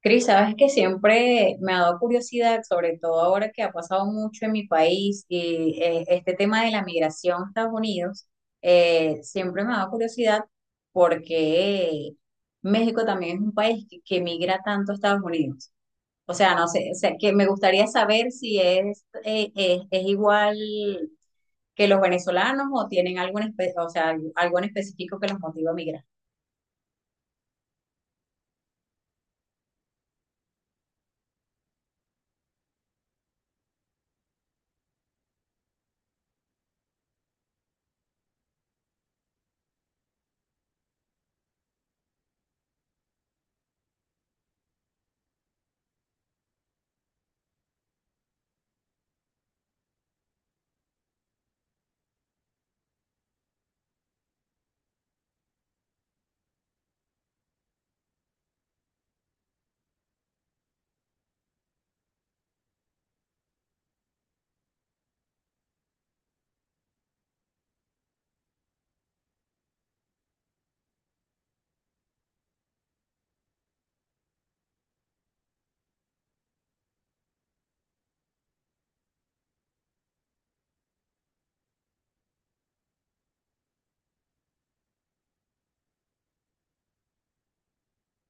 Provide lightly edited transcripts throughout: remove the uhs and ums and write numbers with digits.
Cris, sabes que siempre me ha dado curiosidad, sobre todo ahora que ha pasado mucho en mi país y este tema de la migración a Estados Unidos, siempre me ha dado curiosidad porque México también es un país que migra tanto a Estados Unidos. O sea, no sé, o sea, que me gustaría saber si es igual que los venezolanos o tienen algo o sea, algo en específico que los motiva a migrar.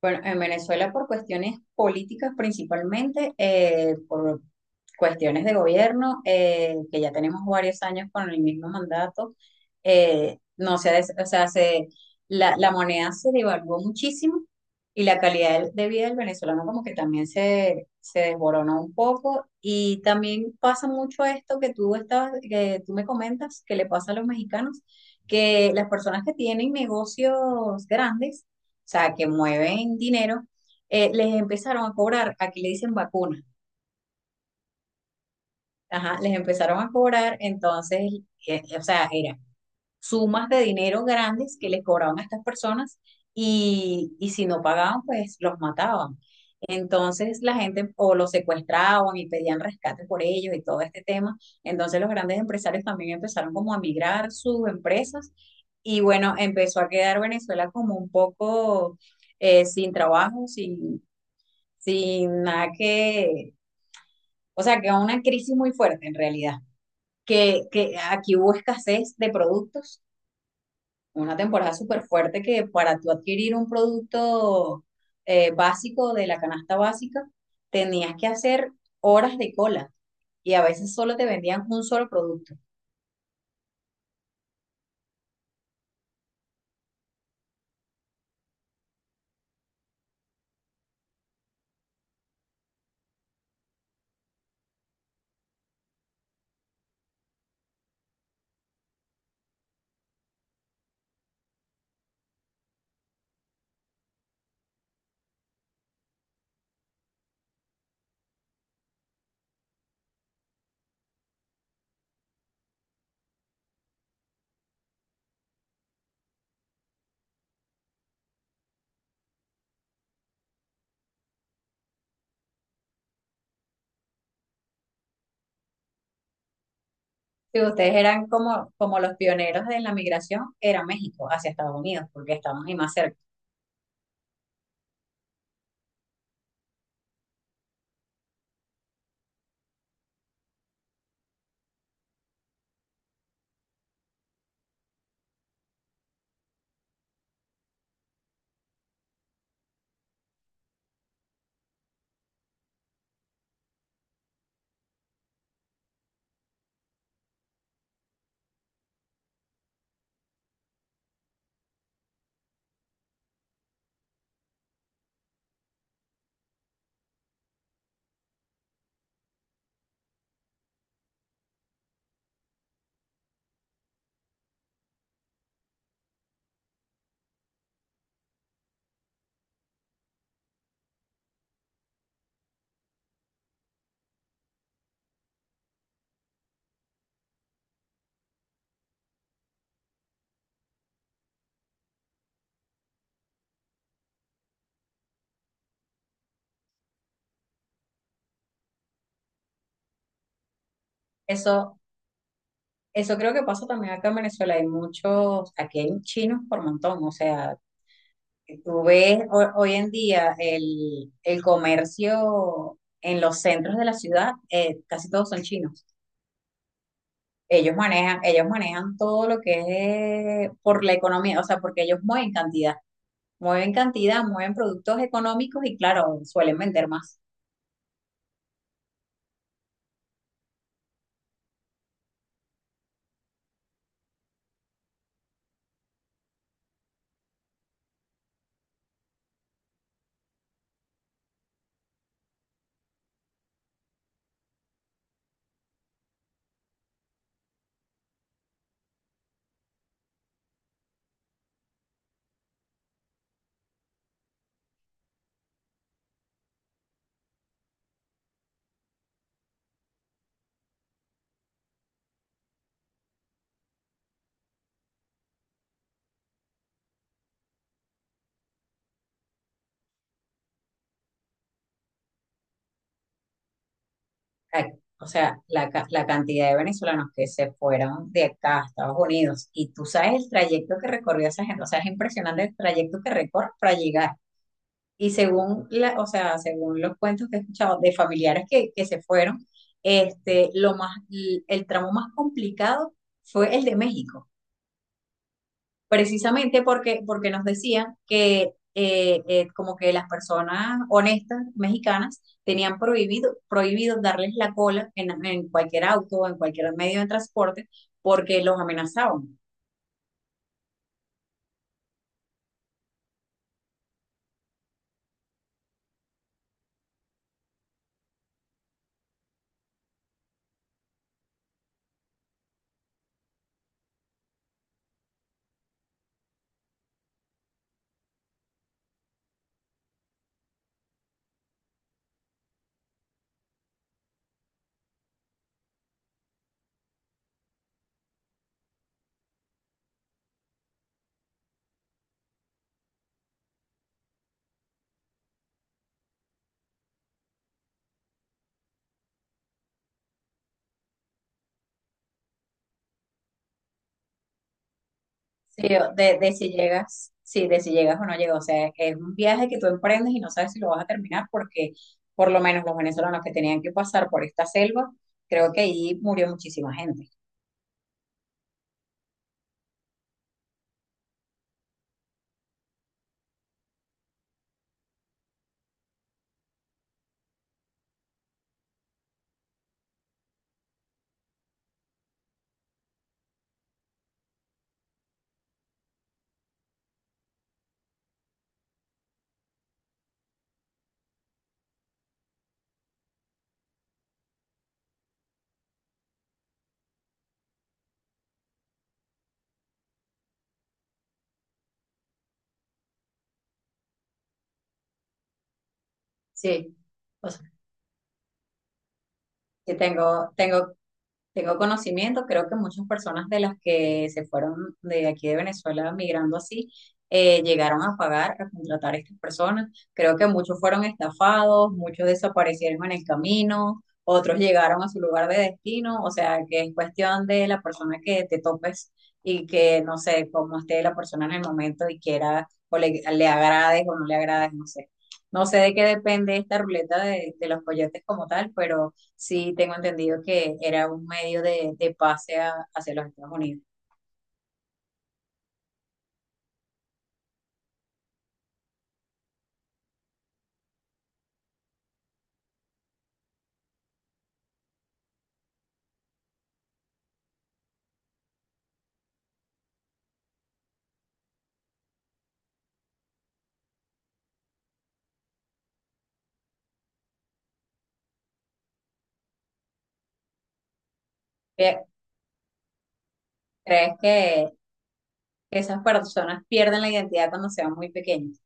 Bueno, en Venezuela por cuestiones políticas principalmente, por cuestiones de gobierno, que ya tenemos varios años con el mismo mandato. No se, o sea, se, la moneda se devaluó muchísimo y la calidad de vida del venezolano como que también se desboronó un poco. Y también pasa mucho esto que tú me comentas, que le pasa a los mexicanos, que las personas que tienen negocios grandes, sea, que mueven dinero, les empezaron a cobrar, aquí le dicen vacuna, ajá, les empezaron a cobrar. O sea, era sumas de dinero grandes que les cobraban a estas personas, y si no pagaban, pues los mataban. Entonces la gente o los secuestraban y pedían rescate por ellos y todo este tema. Entonces los grandes empresarios también empezaron como a migrar sus empresas, y bueno, empezó a quedar Venezuela como un poco sin trabajo, sin, sin nada que, o sea, que una crisis muy fuerte en realidad, que aquí hubo escasez de productos, una temporada súper fuerte, que para tú adquirir un producto básico de la canasta básica, tenías que hacer horas de cola y a veces solo te vendían un solo producto. Si ustedes eran como, como los pioneros de la migración, era México hacia Estados Unidos, porque estábamos ahí más cerca. Eso Eso creo que pasa también acá en Venezuela. Hay muchos, aquí hay chinos por montón. O sea, tú ves hoy en día el comercio en los centros de la ciudad, casi todos son chinos. Ellos manejan todo lo que es por la economía, o sea, porque ellos mueven cantidad, mueven cantidad, mueven productos económicos y claro, suelen vender más. Ay. O sea, la cantidad de venezolanos que se fueron de acá a Estados Unidos, y tú sabes el trayecto que recorrió esa gente, o sea, es impresionante el trayecto que recorre para llegar. Y según la, o sea, según los cuentos que he escuchado de familiares que se fueron, este, el tramo más complicado fue el de México precisamente porque nos decían que como que las personas honestas mexicanas tenían prohibido, prohibido darles la cola en cualquier auto, en cualquier medio de transporte, porque los amenazaban. Sí, de si llegas, sí, de si llegas o no llegas. O sea, es un viaje que tú emprendes y no sabes si lo vas a terminar, porque por lo menos los venezolanos que tenían que pasar por esta selva, creo que ahí murió muchísima gente. Sí, o sea, que tengo, tengo tengo conocimiento. Creo que muchas personas de las que se fueron de aquí de Venezuela migrando así, llegaron a pagar, a contratar a estas personas. Creo que muchos fueron estafados, muchos desaparecieron en el camino, otros llegaron a su lugar de destino, o sea que es cuestión de la persona que te topes, y que no sé cómo esté la persona en el momento y quiera, o le agrades o no le agrades, no sé. No sé de qué depende esta ruleta de los coyotes como tal, pero... Sí, tengo entendido que era un medio de pase hacia los Estados Unidos. ¿Qué- ¿Crees que esas personas pierden la identidad cuando se van muy pequeños?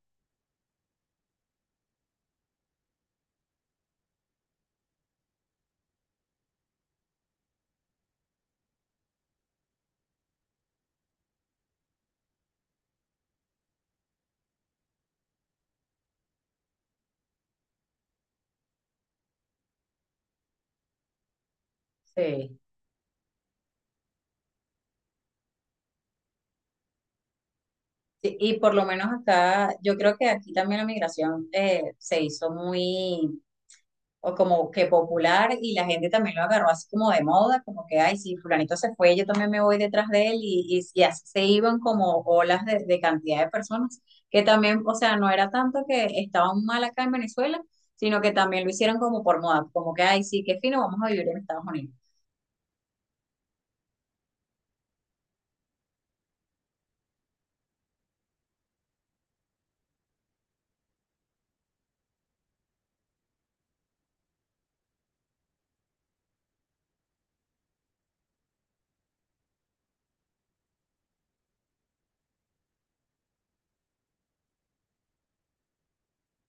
Sí. Sí, y por lo menos acá, yo creo que aquí también la migración se hizo muy o como que popular, y la gente también lo agarró así como de moda, como que, ay, si fulanito se fue, yo también me voy detrás de él, y y así se iban como olas de cantidad de personas, que también, o sea, no era tanto que estaban mal acá en Venezuela, sino que también lo hicieron como por moda, como que, ay, sí, qué fino, vamos a vivir en Estados Unidos.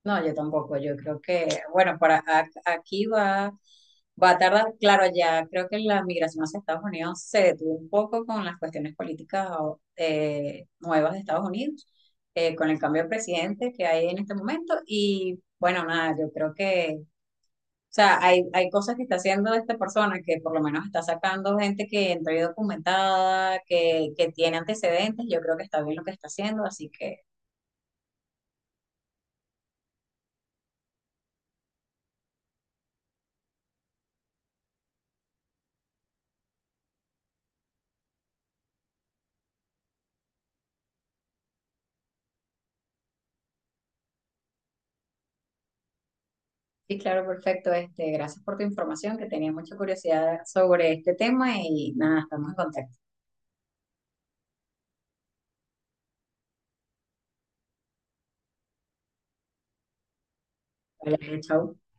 No, yo tampoco. Yo creo que, bueno, para aquí va, va a tardar. Claro, ya creo que la migración hacia Estados Unidos se detuvo un poco con las cuestiones políticas nuevas de Estados Unidos, con el cambio de presidente que hay en este momento. Y bueno, nada, yo creo que, o sea, hay cosas que está haciendo esta persona, que por lo menos está sacando gente que entró y documentada, que tiene antecedentes. Yo creo que está bien lo que está haciendo, así que. Sí, claro, perfecto. Este, gracias por tu información, que tenía mucha curiosidad sobre este tema y nada, estamos en contacto. Vale, chao.